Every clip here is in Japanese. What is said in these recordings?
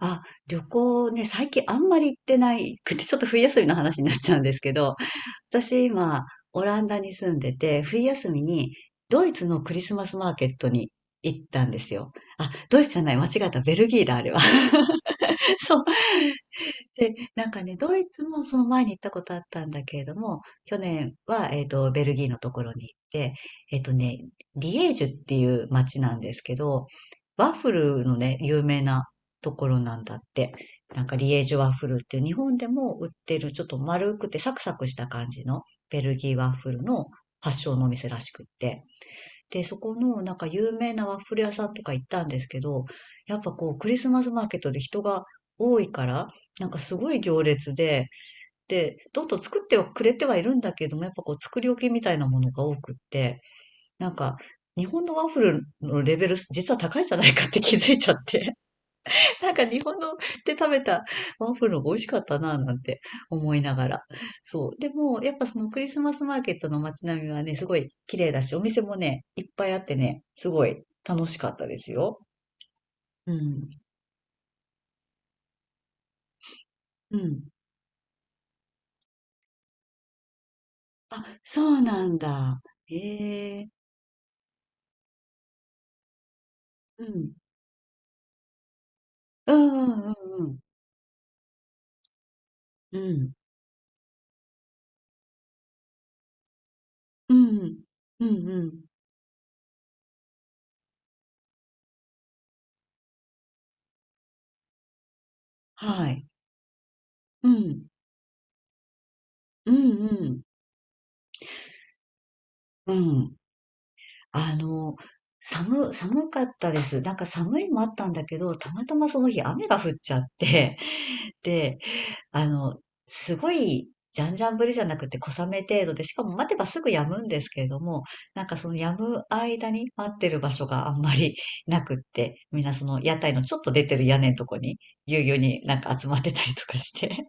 あ、旅行ね、最近あんまり行ってないくて、ちょっと冬休みの話になっちゃうんですけど、私今、オランダに住んでて、冬休みにドイツのクリスマスマーケットに行ったんですよ。あ、ドイツじゃない、間違えた、ベルギーだ、あれは。そう、で、なんかね、ドイツもその前に行ったことあったんだけれども、去年は、ベルギーのところに行って、えっとね、リエージュっていう街なんですけど、ワッフルのね、有名なところなんだって。なんかリエージュワッフルっていう日本でも売ってるちょっと丸くてサクサクした感じのベルギーワッフルの発祥のお店らしくって。で、そこのなんか有名なワッフル屋さんとか行ったんですけど、やっぱこうクリスマスマーケットで人が多いから、なんかすごい行列で、で、どんどん作ってはくれてはいるんだけども、やっぱこう作り置きみたいなものが多くって、なんか日本のワッフルのレベル実は高いんじゃないかって気づいちゃって。なんか日本ので食べたワッフルの方が美味しかったな、なんて思いながら。そう。でも、やっぱそのクリスマスマーケットの街並みはね、すごい綺麗だし、お店もね、いっぱいあってね、すごい楽しかったですよ。うん。うん。そうなんだ。ええ、うん。うんうんうんうん。うん。うん。うんうん。はい。うん。うんうん。うん。あの、寒かったです。なんか寒いのもあったんだけど、たまたまその日雨が降っちゃって、で、あの、すごい、じゃんじゃん降りじゃなくて小雨程度で、しかも待てばすぐ止むんですけれども、なんかその止む間に待ってる場所があんまりなくって、みんなその屋台のちょっと出てる屋根のとこに、ぎゅうぎゅうになんか集まってたりとかして。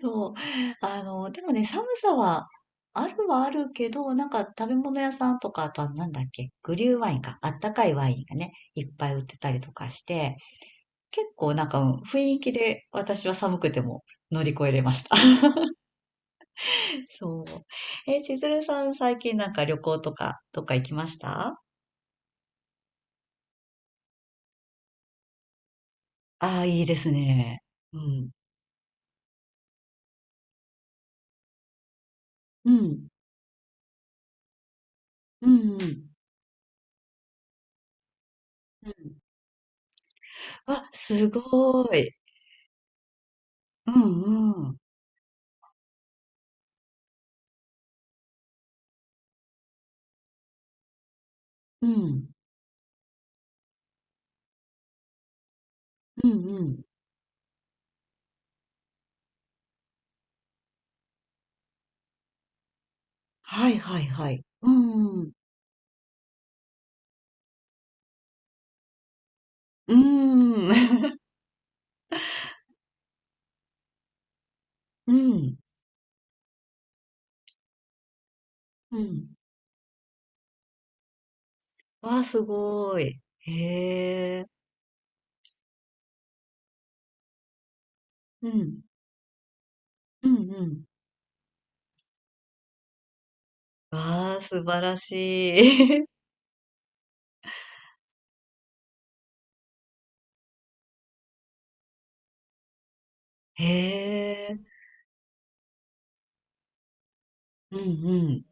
そう。でもね、寒さは、あるはあるけど、なんか食べ物屋さんとか、あとはなんだっけ、グリューワインか、あったかいワインがね、いっぱい売ってたりとかして、結構なんか、うん、雰囲気で私は寒くても乗り越えれました。そう。え、千鶴さん最近なんか旅行とか、どっか行きました？ああー、いいですね。うん。うん。うん。うん。うん、わ、すごい。うんうん。うん。うんうん。はいはいはい。うん。うーん。うん。うん。わあ、すごい。へえ。うん。うん。うん。わあ、素晴らしい。へえ。うん。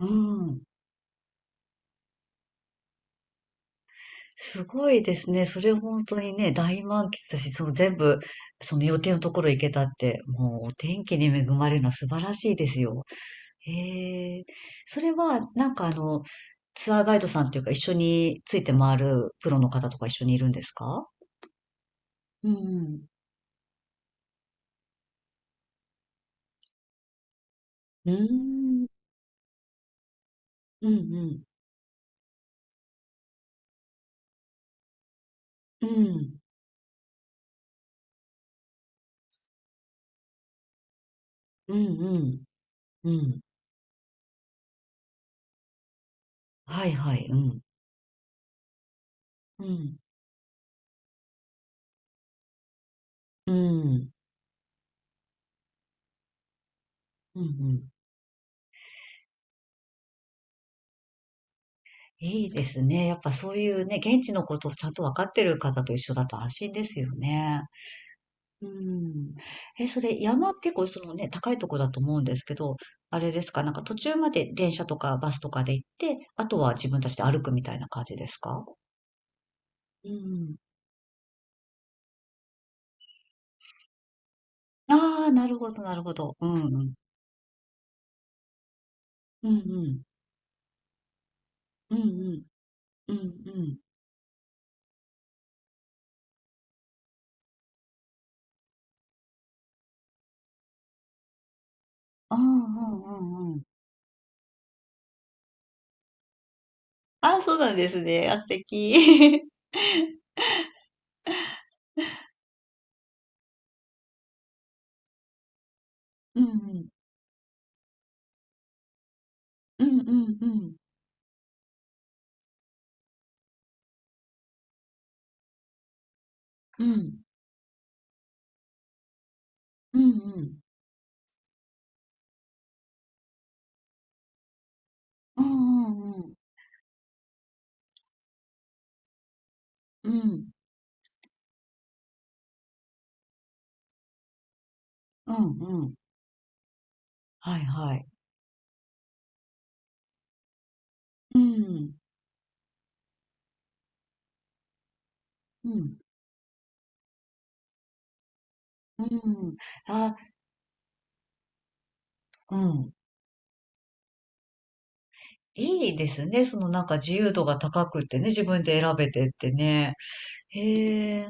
うん。うん。すごいですね。それ本当にね、大満喫だし、そう全部、その予定のところ行けたって、もうお天気に恵まれるのは素晴らしいですよ。へえ。それは、なんかツアーガイドさんというか一緒について回るプロの方とか一緒にいるんですか？うんうん。うん。うんうん。うん。うんうん。うん。はいはい。うん。うん。うん。うん。いいですね。やっぱそういうね、現地のことをちゃんとわかってる方と一緒だと安心ですよね。うん。え、それ山結構そのね、高いとこだと思うんですけど、あれですか、なんか途中まで電車とかバスとかで行って、あとは自分たちで歩くみたいな感じですか？うん。ああ、なるほど、なるほど。うんうん。うんうん。うんうん。うんうん。ああ、うんうんうん。ああ、そうなんですね。あ、素敵。うんうん。うんうんうん。うん。うんうん。うんうんうん。うん。うんうん。はいはい。うん。うんうん。あ、うん。いいですね。そのなんか自由度が高くってね、自分で選べてってね。へえ。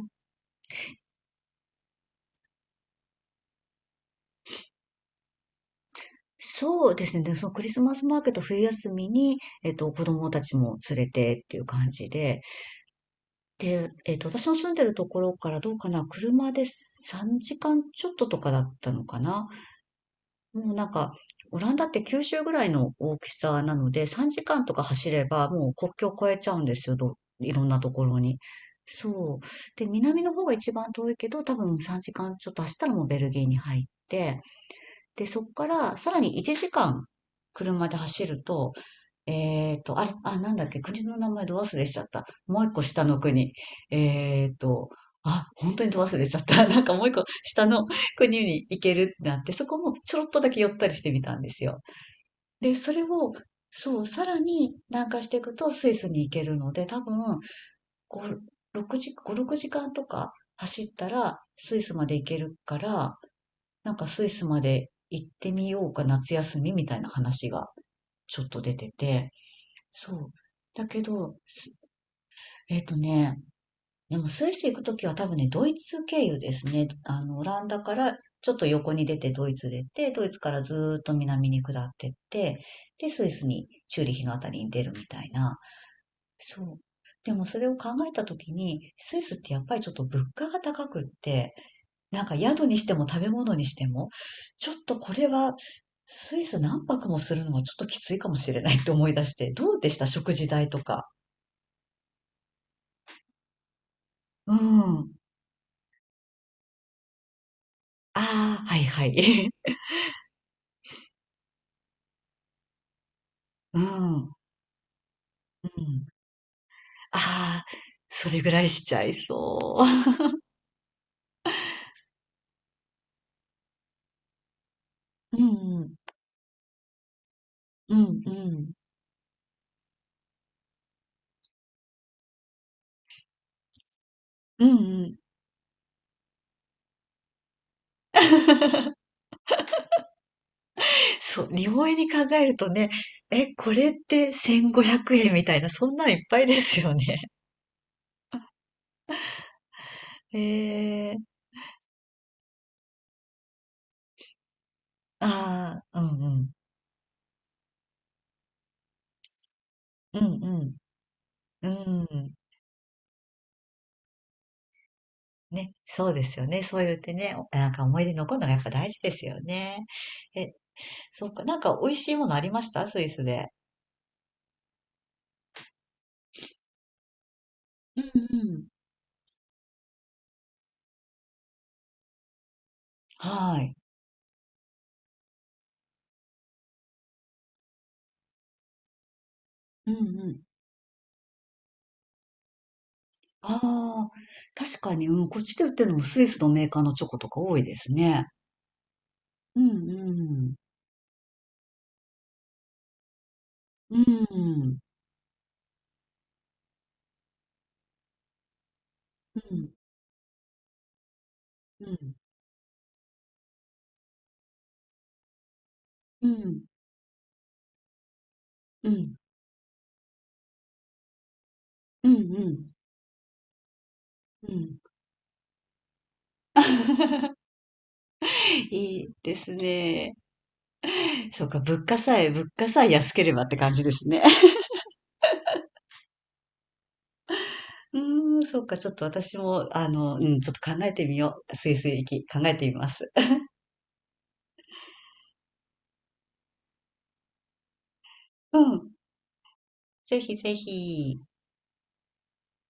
そうですね。で、そのクリスマスマーケット冬休みに、子供たちも連れてっていう感じで。で、私の住んでるところからどうかな、車で3時間ちょっととかだったのかな。もうなんか、オランダって九州ぐらいの大きさなので、3時間とか走ればもう国境を越えちゃうんですよ、いろんなところに。そう。で、南の方が一番遠いけど、多分3時間ちょっと走ったらもうベルギーに入って、で、そこからさらに1時間車で走ると、あれ、あ、なんだっけ、国の名前ど忘れしちゃった。もう一個下の国。えっと、あ、本当にど忘れしちゃった。なんかもう一個下の国に行けるってなって、そこもちょろっとだけ寄ったりしてみたんですよ。で、それを、そう、さらに南下していくとスイスに行けるので、多分、5、6時、5、6時間とか走ったらスイスまで行けるから、なんかスイスまで行ってみようか、夏休みみたいな話がちょっと出てて。そう。だけど、すえっとね、でもスイス行くときは多分ね、ドイツ経由ですね。オランダからちょっと横に出てドイツ出て、ドイツからずーっと南に下ってって、で、スイスにチューリヒのあたりに出るみたいな。そう。でもそれを考えたときに、スイスってやっぱりちょっと物価が高くって、なんか宿にしても食べ物にしても、ちょっとこれはスイス何泊もするのはちょっときついかもしれないって思い出して、どうでした、食事代とか？うん。ああ、はいはい。うん。うん。ああ、それぐらいしちゃいそう。うんうん。うんうん。うんうん。そう、日本円に考えるとね、え、これって1500円みたいな、そんなんいっぱいですよね。へえ。ああ、うんうん。うんうん。うん。ね、そうですよね。そう言ってね、おなんか思い出残るのがやっぱ大事ですよね。え、そっか、なんか美味しいものありました、スイスで？うん、はい。うんうんうん。ああ、確かに、うん、こっちで売ってるのもスイスのメーカーのチョコとか多いですね。うんうんうんうんうんうんうんうんうんうんうん。いいですね。そうか、物価さえ安ければって感じですね。うーん、そうか、ちょっと私も、うん、ちょっと考えてみよう。スイスイ行き、考えてみます。うん、ぜひぜひ。